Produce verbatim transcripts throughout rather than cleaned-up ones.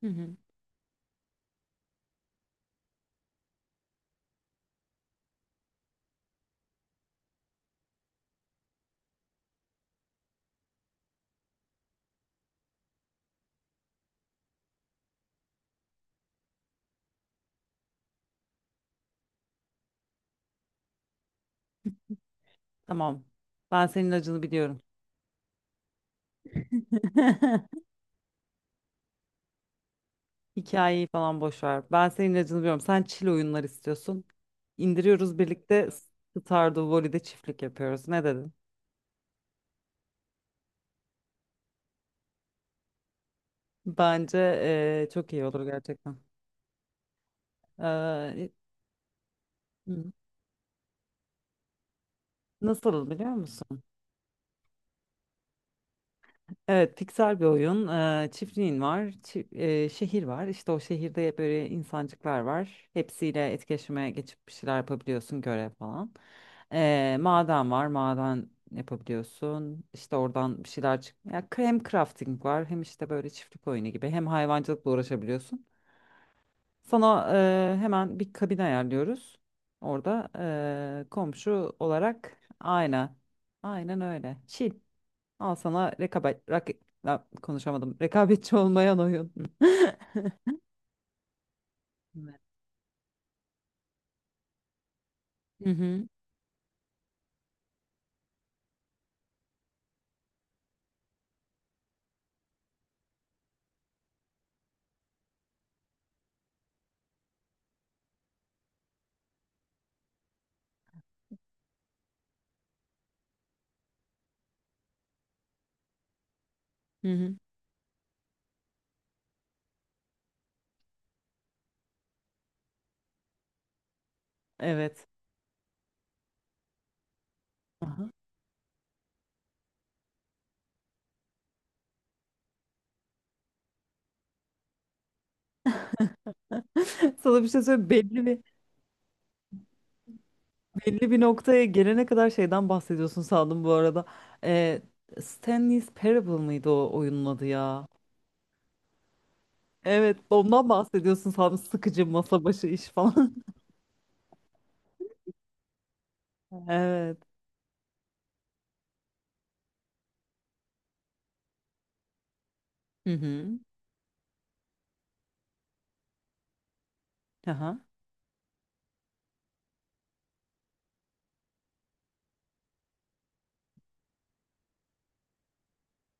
Hı hı. Tamam. Ben senin acını biliyorum. Hikayeyi falan boş ver. Ben senin acını biliyorum. Sen chill oyunlar istiyorsun. İndiriyoruz birlikte Stardew Valley'de çiftlik yapıyoruz. Ne dedin? Bence eee, çok iyi olur gerçekten. Eee, hı. Nasıl biliyor musun? Evet, piksel bir oyun. Ee, çiftliğin var, çi- e, şehir var. İşte o şehirde böyle insancıklar var. Hepsiyle etkileşime geçip bir şeyler yapabiliyorsun, görev falan. Ee, maden var, maden yapabiliyorsun. İşte oradan bir şeyler çık. Ya hem crafting var, hem işte böyle çiftlik oyunu gibi, hem hayvancılıkla uğraşabiliyorsun. Sana e, hemen bir kabin ayarlıyoruz. Orada e, komşu olarak aynen, aynen öyle. Chill. Al sana rekabet, rak, la- konuşamadım. Rekabetçi olmayan oyun. Evet. Hı hı. Hı hı. Evet. Aha. Sana bir şey söyleyeyim. Belli bir, belli bir noktaya gelene kadar şeyden bahsediyorsun sandım bu arada. Ee, Stanley's Parable mıydı o oyunun adı ya? Evet, ondan bahsediyorsun sandım. Sıkıcı masa başı iş falan. Evet. Hı hı. Aha.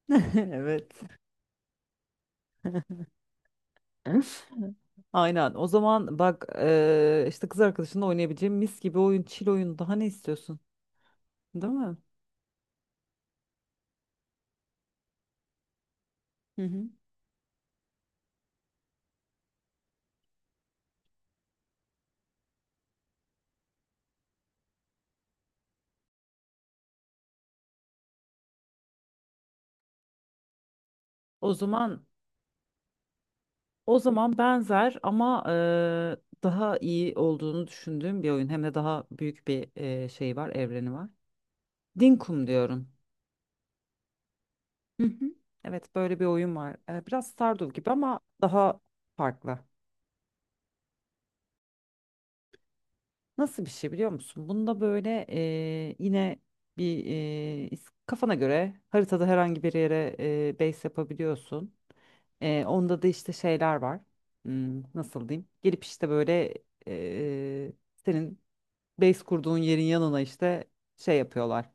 Evet. Aynen. O zaman bak eee, işte kız arkadaşınla oynayabileceğim mis gibi oyun, chill oyun. Daha ne istiyorsun? Değil mi? Hı hı. O zaman o zaman benzer ama eee, daha iyi olduğunu düşündüğüm bir oyun. Hem de daha büyük bir eee, şey var, evreni var. Dinkum diyorum. Hı hı. Evet, böyle bir oyun var. Eee, biraz Stardew gibi ama daha farklı. Nasıl bir şey biliyor musun? Bunda böyle e, yine bir e, is- kafana göre haritada herhangi bir yere e, base yapabiliyorsun. E, onda da işte şeyler var. Hmm, nasıl diyeyim? Gelip işte böyle e, senin base kurduğun yerin yanına işte şey yapıyorlar.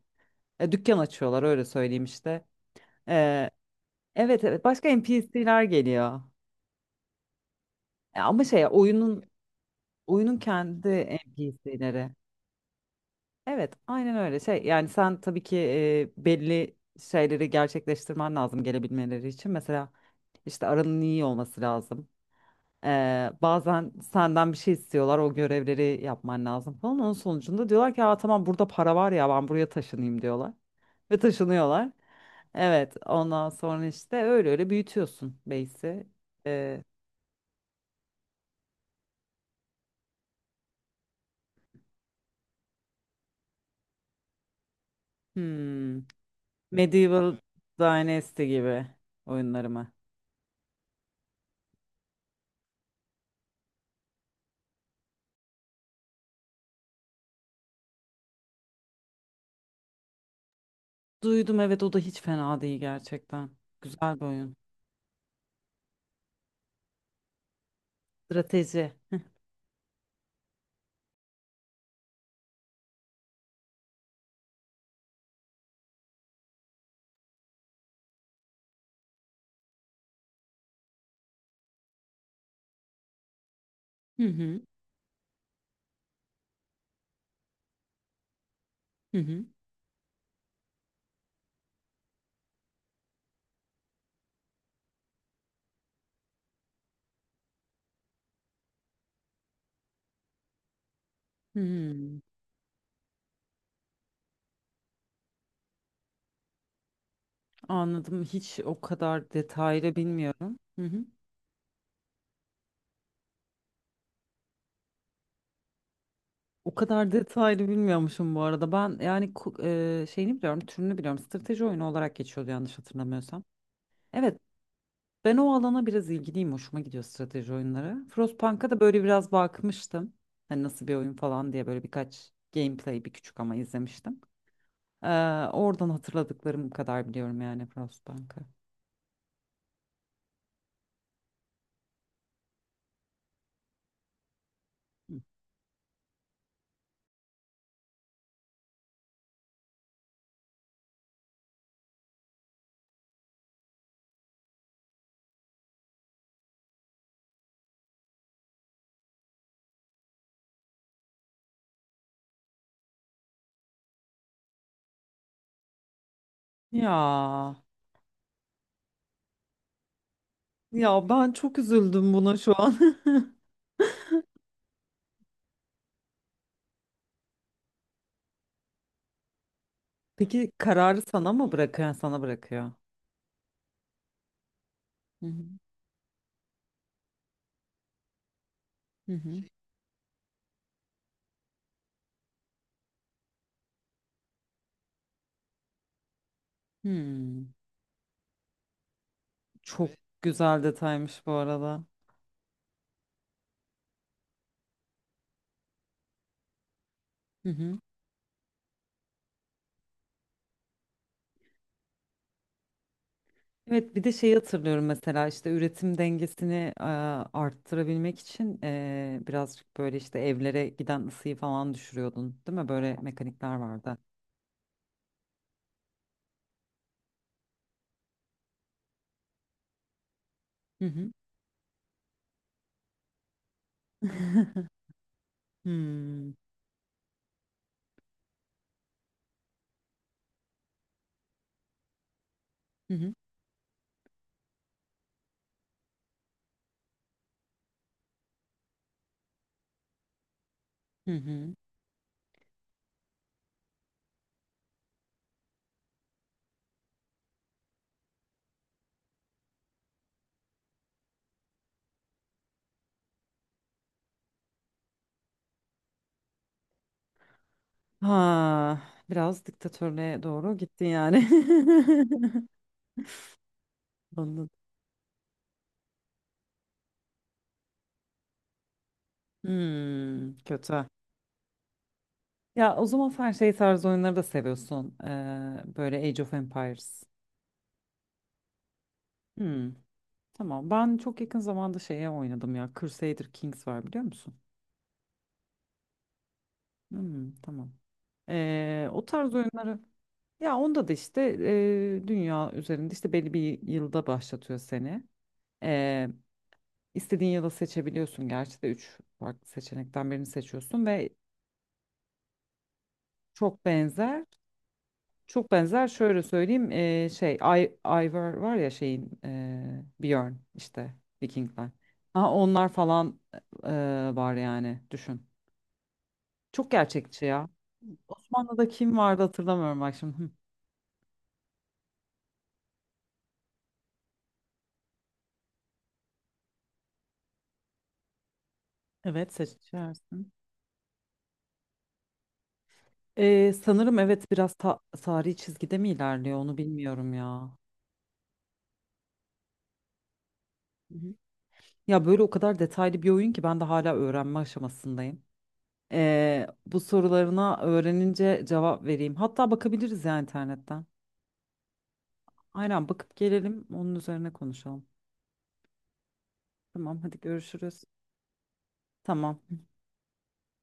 E, dükkan açıyorlar öyle söyleyeyim işte. E, Evet evet başka N P C'ler geliyor. E, Ama şey oyunun oyunun kendi N P C'leri. Evet, aynen öyle. Şey, yani sen tabii ki e, belli şeyleri gerçekleştirmen lazım gelebilmeleri için. Mesela işte aranın iyi olması lazım. Ee, bazen senden bir şey istiyorlar, o görevleri yapman lazım falan. Onun sonucunda diyorlar ki, aa, tamam burada para var ya ben buraya taşınayım diyorlar. Ve taşınıyorlar. Evet, ondan sonra işte öyle öyle büyütüyorsun base'i. Ee, hmm, Medieval Dynasty gibi oyunları mı? Duydum evet o da hiç fena değil gerçekten. Güzel bir oyun. Strateji. Hı hı. Hı hı. hı. Anladım. Hiç o kadar detaylı bilmiyorum. Hı hı. O kadar detaylı bilmiyormuşum bu arada. Ben yani ku- e, şeyini biliyorum, türünü biliyorum. Strateji oyunu olarak geçiyordu yanlış hatırlamıyorsam. Evet, ben o alana biraz ilgiliyim. Hoşuma gidiyor strateji oyunları. Frostpunk'a da böyle biraz bakmıştım. Hani nasıl bir oyun falan diye böyle birkaç gameplay bir küçük ama izlemiştim. Ee, oradan hatırladıklarım kadar biliyorum yani Frostbank'ı. Hı. Ya ya ben çok üzüldüm buna şu an. Peki kararı sana mı bırakıyor? Yani sana bırakıyor. Hı hı. Hı hı. Hmm, çok. Evet, güzel detaymış bu arada. Hı hı. Evet bir de şeyi hatırlıyorum mesela işte üretim dengesini e, arttırabilmek için e, birazcık böyle işte evlere giden ısıyı falan düşürüyordun değil mi? Böyle mekanikler vardı. Hı hı. Hmm. Hı hı. Hı hı. Ha, biraz diktatörlüğe doğru gittin yani. Anladım. Hmm, kötü. Ya o zaman sen şey tarzı oyunları da seviyorsun. Ee, böyle Age of Empires. Hmm, tamam. Ben çok yakın zamanda şeye oynadım ya. Crusader Kings var biliyor musun? Hmm, tamam. Ee, o tarz oyunları ya onda da işte e, dünya üzerinde işte belli bir yılda başlatıyor seni. Ee, istediğin yılı seçebiliyorsun. Gerçi de üç farklı seçenekten birini seçiyorsun ve çok benzer. Çok benzer şöyle söyleyeyim e, şey I, Ivar var ya şeyin e, Björn işte Vikingler. Ha, onlar falan e, var yani düşün. Çok gerçekçi ya. Osmanlı'da kim vardı hatırlamıyorum bak şimdi. Hı. Evet seçersin. Ee, sanırım evet biraz ta tarihi çizgide mi ilerliyor onu bilmiyorum ya. Hı hı. Ya böyle o kadar detaylı bir oyun ki ben de hala öğrenme aşamasındayım. Ee, bu sorularına öğrenince cevap vereyim. Hatta bakabiliriz ya internetten. Aynen bakıp gelelim onun üzerine konuşalım. Tamam hadi görüşürüz. Tamam.